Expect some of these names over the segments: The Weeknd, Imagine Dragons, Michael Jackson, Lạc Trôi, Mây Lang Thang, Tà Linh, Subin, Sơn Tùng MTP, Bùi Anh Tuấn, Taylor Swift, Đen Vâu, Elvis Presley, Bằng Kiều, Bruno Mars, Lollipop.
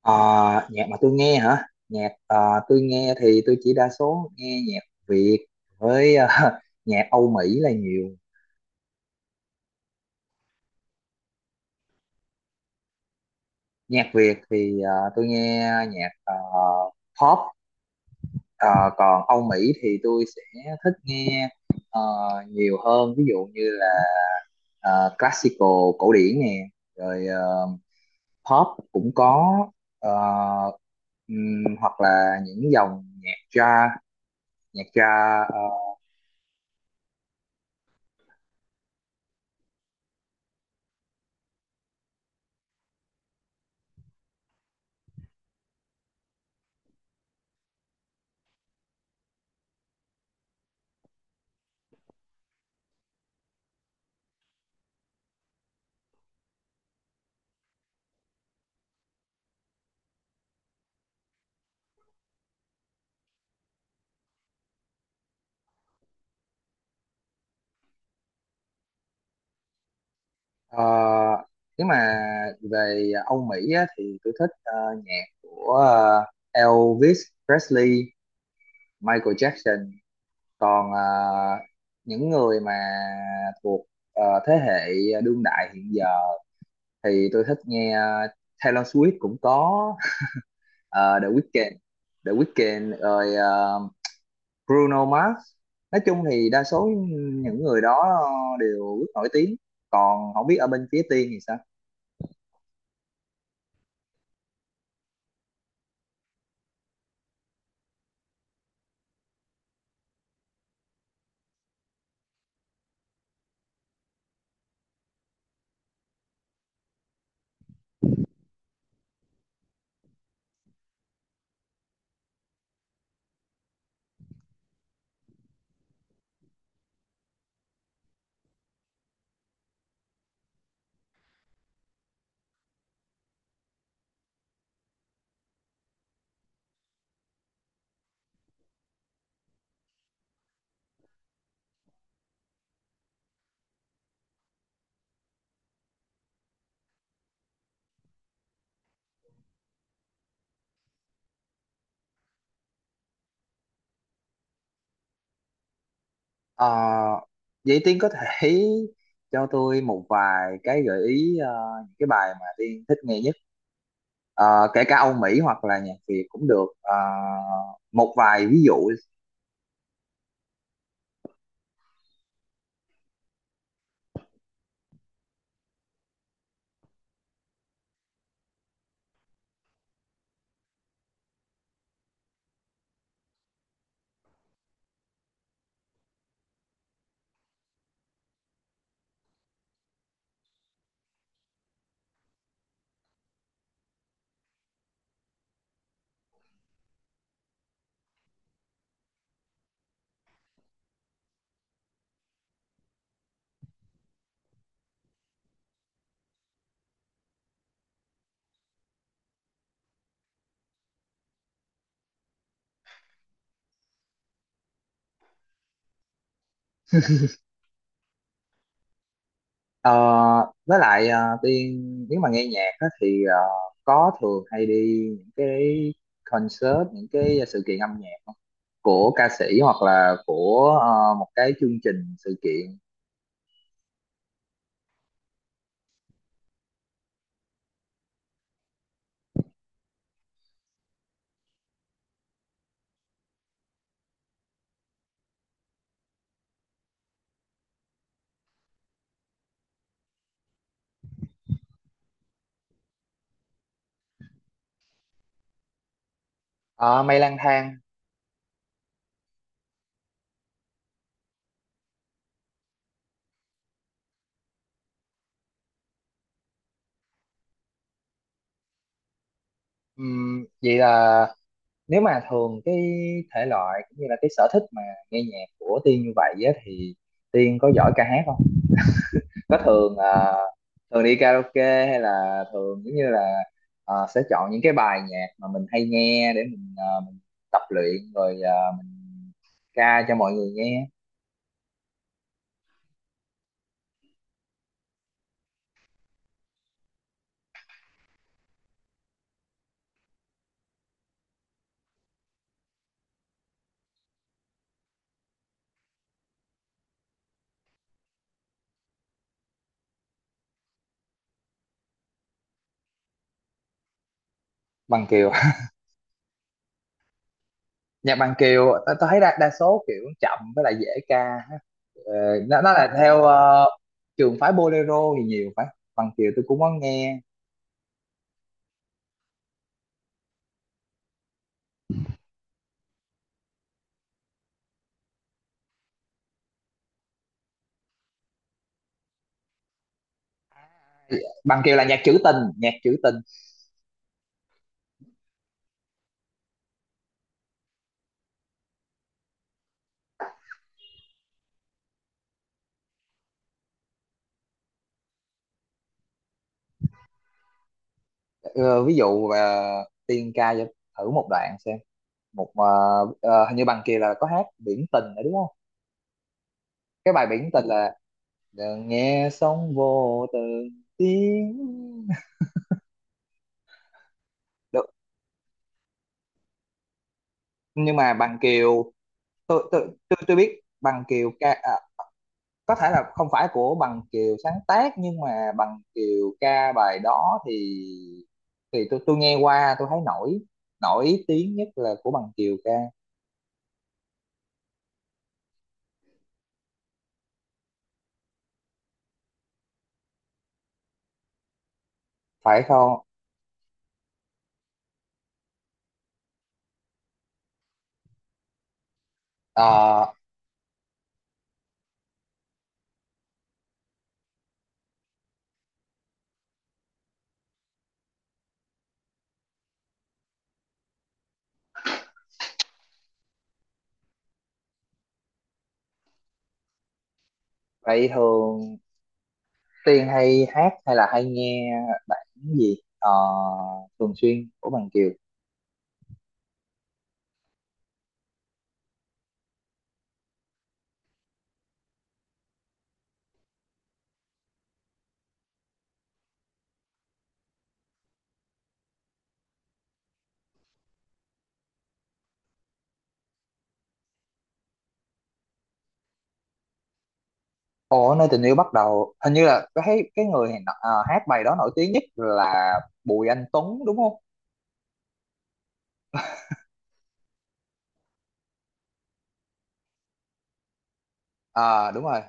Ờ, Nhạc mà tôi nghe hả? Tôi nghe thì tôi chỉ đa số nghe nhạc Việt với nhạc Âu Mỹ là nhiều. Nhạc Việt thì tôi nghe nhạc pop. Ờ, Còn Âu Mỹ thì tôi sẽ thích nghe ờ, nhiều hơn. Ví dụ như là classical, cổ điển nè, rồi pop cũng có. Ờ, Hoặc là những dòng nhạc jazz, nhạc jazz. Ờ, Ờ, Nếu mà về Âu Mỹ á, thì tôi thích nhạc của Elvis Presley, Michael Jackson. Còn những người mà thuộc thế hệ đương đại hiện giờ thì tôi thích nghe Taylor Swift cũng có, The Weeknd, rồi Bruno Mars. Nói chung thì đa số những người đó đều rất nổi tiếng. Còn không biết ở bên phía Tiên thì sao? Ờ, Vậy Tiên có thể cho tôi một vài cái gợi ý, những cái bài mà Tiên thích nghe nhất. Ờ, Kể cả Âu Mỹ hoặc là nhạc Việt cũng được. Ờ, Một vài ví dụ. Ờ, với lại Tiên, nếu mà nghe nhạc á, thì có thường hay đi những cái concert, những cái sự kiện âm nhạc không? Của ca sĩ hoặc là của một cái chương trình sự kiện. Ờ, Mây Lang Thang. Vậy là nếu mà thường cái thể loại cũng như là cái sở thích mà nghe nhạc của Tiên như vậy á, thì Tiên có giỏi ca hát không? Có thường đi karaoke hay là thường giống như là sẽ chọn những cái bài nhạc mà mình hay nghe để mình tập luyện rồi mình ca cho mọi người nghe. Bằng Kiều, nhạc Bằng Kiều tao tao thấy đa số kiểu chậm với lại dễ ca. Ờ, nó là theo trường phái bolero thì nhiều phải. Bằng Kiều tôi cũng có nghe. Bằng Kiều là nhạc trữ tình, nhạc trữ tình. Ờ, Ví dụ Tiên ca cho thử một đoạn xem một hình như Bằng Kiều là có hát Biển Tình nữa đúng không? Cái bài Biển Tình là "đừng nghe sóng vô từ tiếng". Được. Nhưng mà Bằng Kiều, tôi biết Bằng Kiều ca à, có thể là không phải của Bằng Kiều sáng tác nhưng mà Bằng Kiều ca bài đó thì tôi nghe qua tôi thấy nổi nổi tiếng nhất là của Bằng Kiều ca, phải không? Ờ, Vậy thường Tiên hay hát hay là hay nghe bản gì thường xuyên của Bằng Kiều? Ồ, Nơi Tình Yêu Bắt Đầu hình như là cái người nọ- hát bài đó nổi tiếng nhất là Bùi Anh Tuấn đúng không? Ờ, đúng rồi.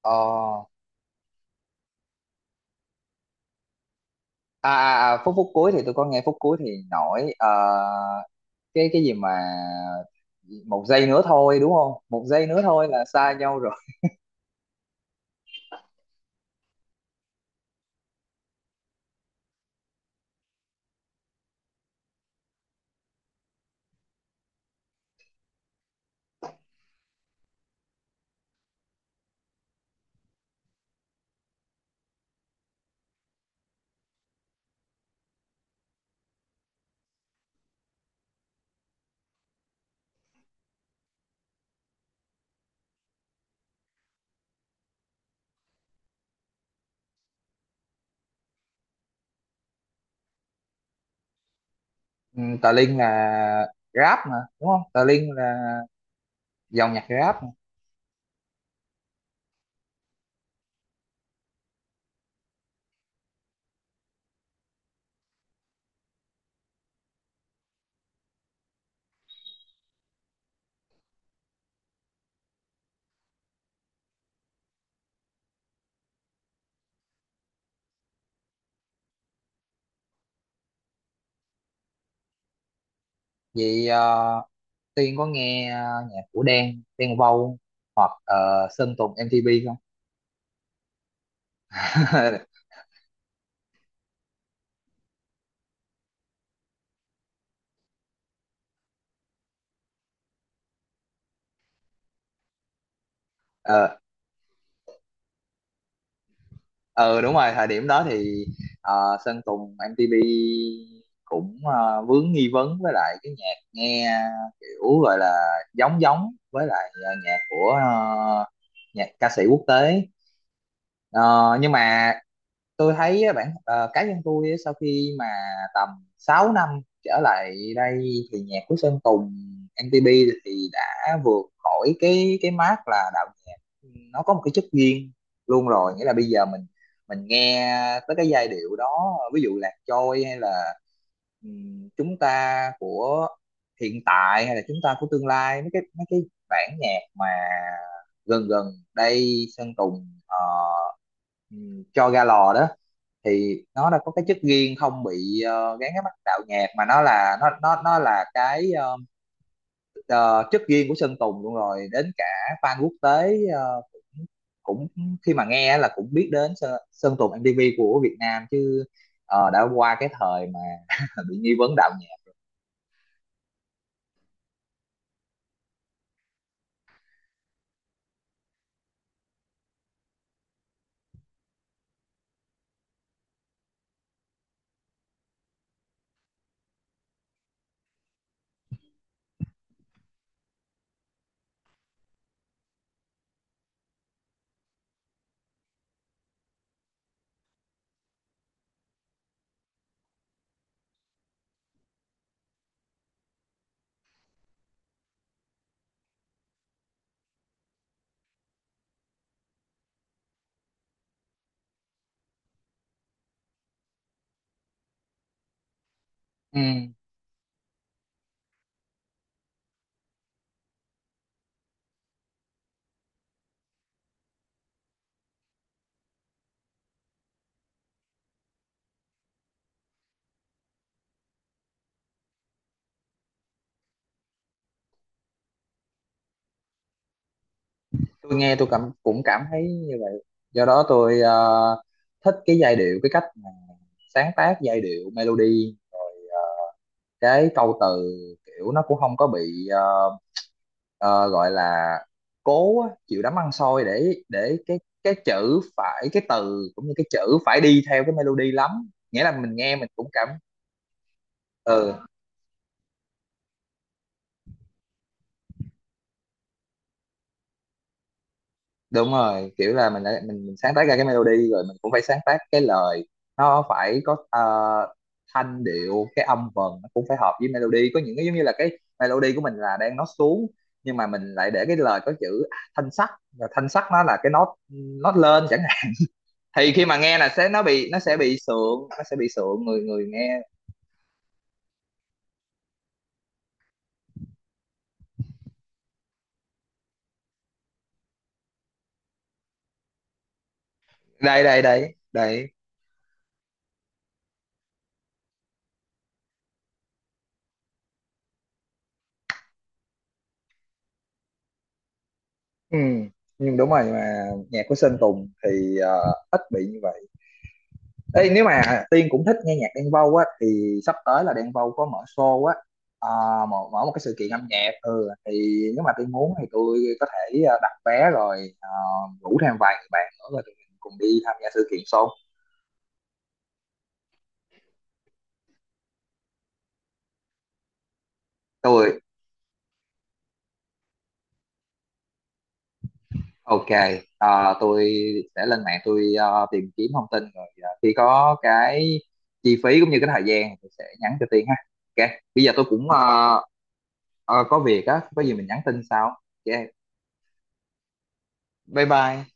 Ờ, À, à, à, phút phút cuối thì tôi có nghe, phút cuối thì nổi. Ờ, cái gì mà "một giây nữa thôi" đúng không? "Một giây nữa thôi là xa nhau rồi." Ừ, Tà Linh là rap mà đúng không? Tà Linh là dòng nhạc rap. Vậy Tiên có nghe nhạc của Đen Vâu hoặc Sơn Tùng MTP không? Ờ ờ, đúng rồi, thời điểm đó thì Sơn Tùng MTP cũng vướng nghi vấn với lại cái nhạc nghe kiểu gọi là giống giống với lại nhạc ca sĩ quốc tế. Ờ, nhưng mà tôi thấy á, bản cá nhân tôi á, sau khi mà tầm 6 năm trở lại đây thì nhạc của Sơn Tùng MTP thì đã vượt khỏi cái mác là đạo nhạc, nó có một cái chất riêng luôn rồi, nghĩa là bây giờ mình nghe tới cái giai điệu đó, ví dụ Lạc Trôi hay là Chúng Ta Của Hiện Tại hay là Chúng Ta Của Tương Lai, mấy cái bản nhạc mà gần gần đây Sơn Tùng ừ, cho ra lò đó, thì nó đã có cái chất riêng, không bị gán cái mắt đạo nhạc mà nó là, nó là cái ờ, chất riêng của Sơn Tùng luôn rồi, đến cả fan quốc tế cũng khi mà nghe là cũng biết đến Sơn Tùng MTV của Việt Nam chứ. Đã qua cái thời mà bị nghi vấn đạo nhạc. Ừ. Tôi nghe tôi cũng cảm thấy như vậy, do đó tôi thích cái giai điệu, cái cách mà sáng tác giai điệu melody, cái câu từ kiểu nó cũng không có bị ờ, gọi là cố á, chịu đấm ăn xôi để để cái chữ phải, cái từ cũng như cái chữ phải đi theo cái melody lắm, nghĩa là mình nghe mình cũng cảm. Ừ đúng rồi, kiểu là mình sáng tác ra cái melody rồi mình cũng phải sáng tác cái lời, nó phải có thanh điệu, cái âm vần nó cũng phải hợp với melody, có những cái giống như là cái melody của mình là đang nó xuống nhưng mà mình lại để cái lời có chữ à, thanh sắc, và thanh sắc nó là cái nốt, nốt lên chẳng hạn, thì khi mà nghe là sẽ nó bị, nó sẽ bị sượng, nó sẽ bị sượng người người nghe. Đây đây đây đây. Ừ. Nhưng đúng rồi, nhưng mà nhạc của Sơn Tùng thì ít bị như vậy. Ê, nếu mà Tiên cũng thích nghe nhạc Đen Vâu á thì sắp tới là Đen Vâu có mở show á, à, mở một cái sự kiện âm nhạc ừ thì, nếu mà Tiên muốn thì tôi có thể đặt vé rồi rủ thêm vài người bạn nữa rồi tụi mình cùng đi tham gia sự kiện show. Tôi ok. Tôi sẽ lên mạng tôi tìm kiếm thông tin rồi khi có cái chi phí cũng như cái thời gian thì tôi sẽ nhắn cho Tiên ha. Ok, bây giờ tôi cũng ờ, có việc á, có gì mình nhắn tin sau. Ok, bye bye.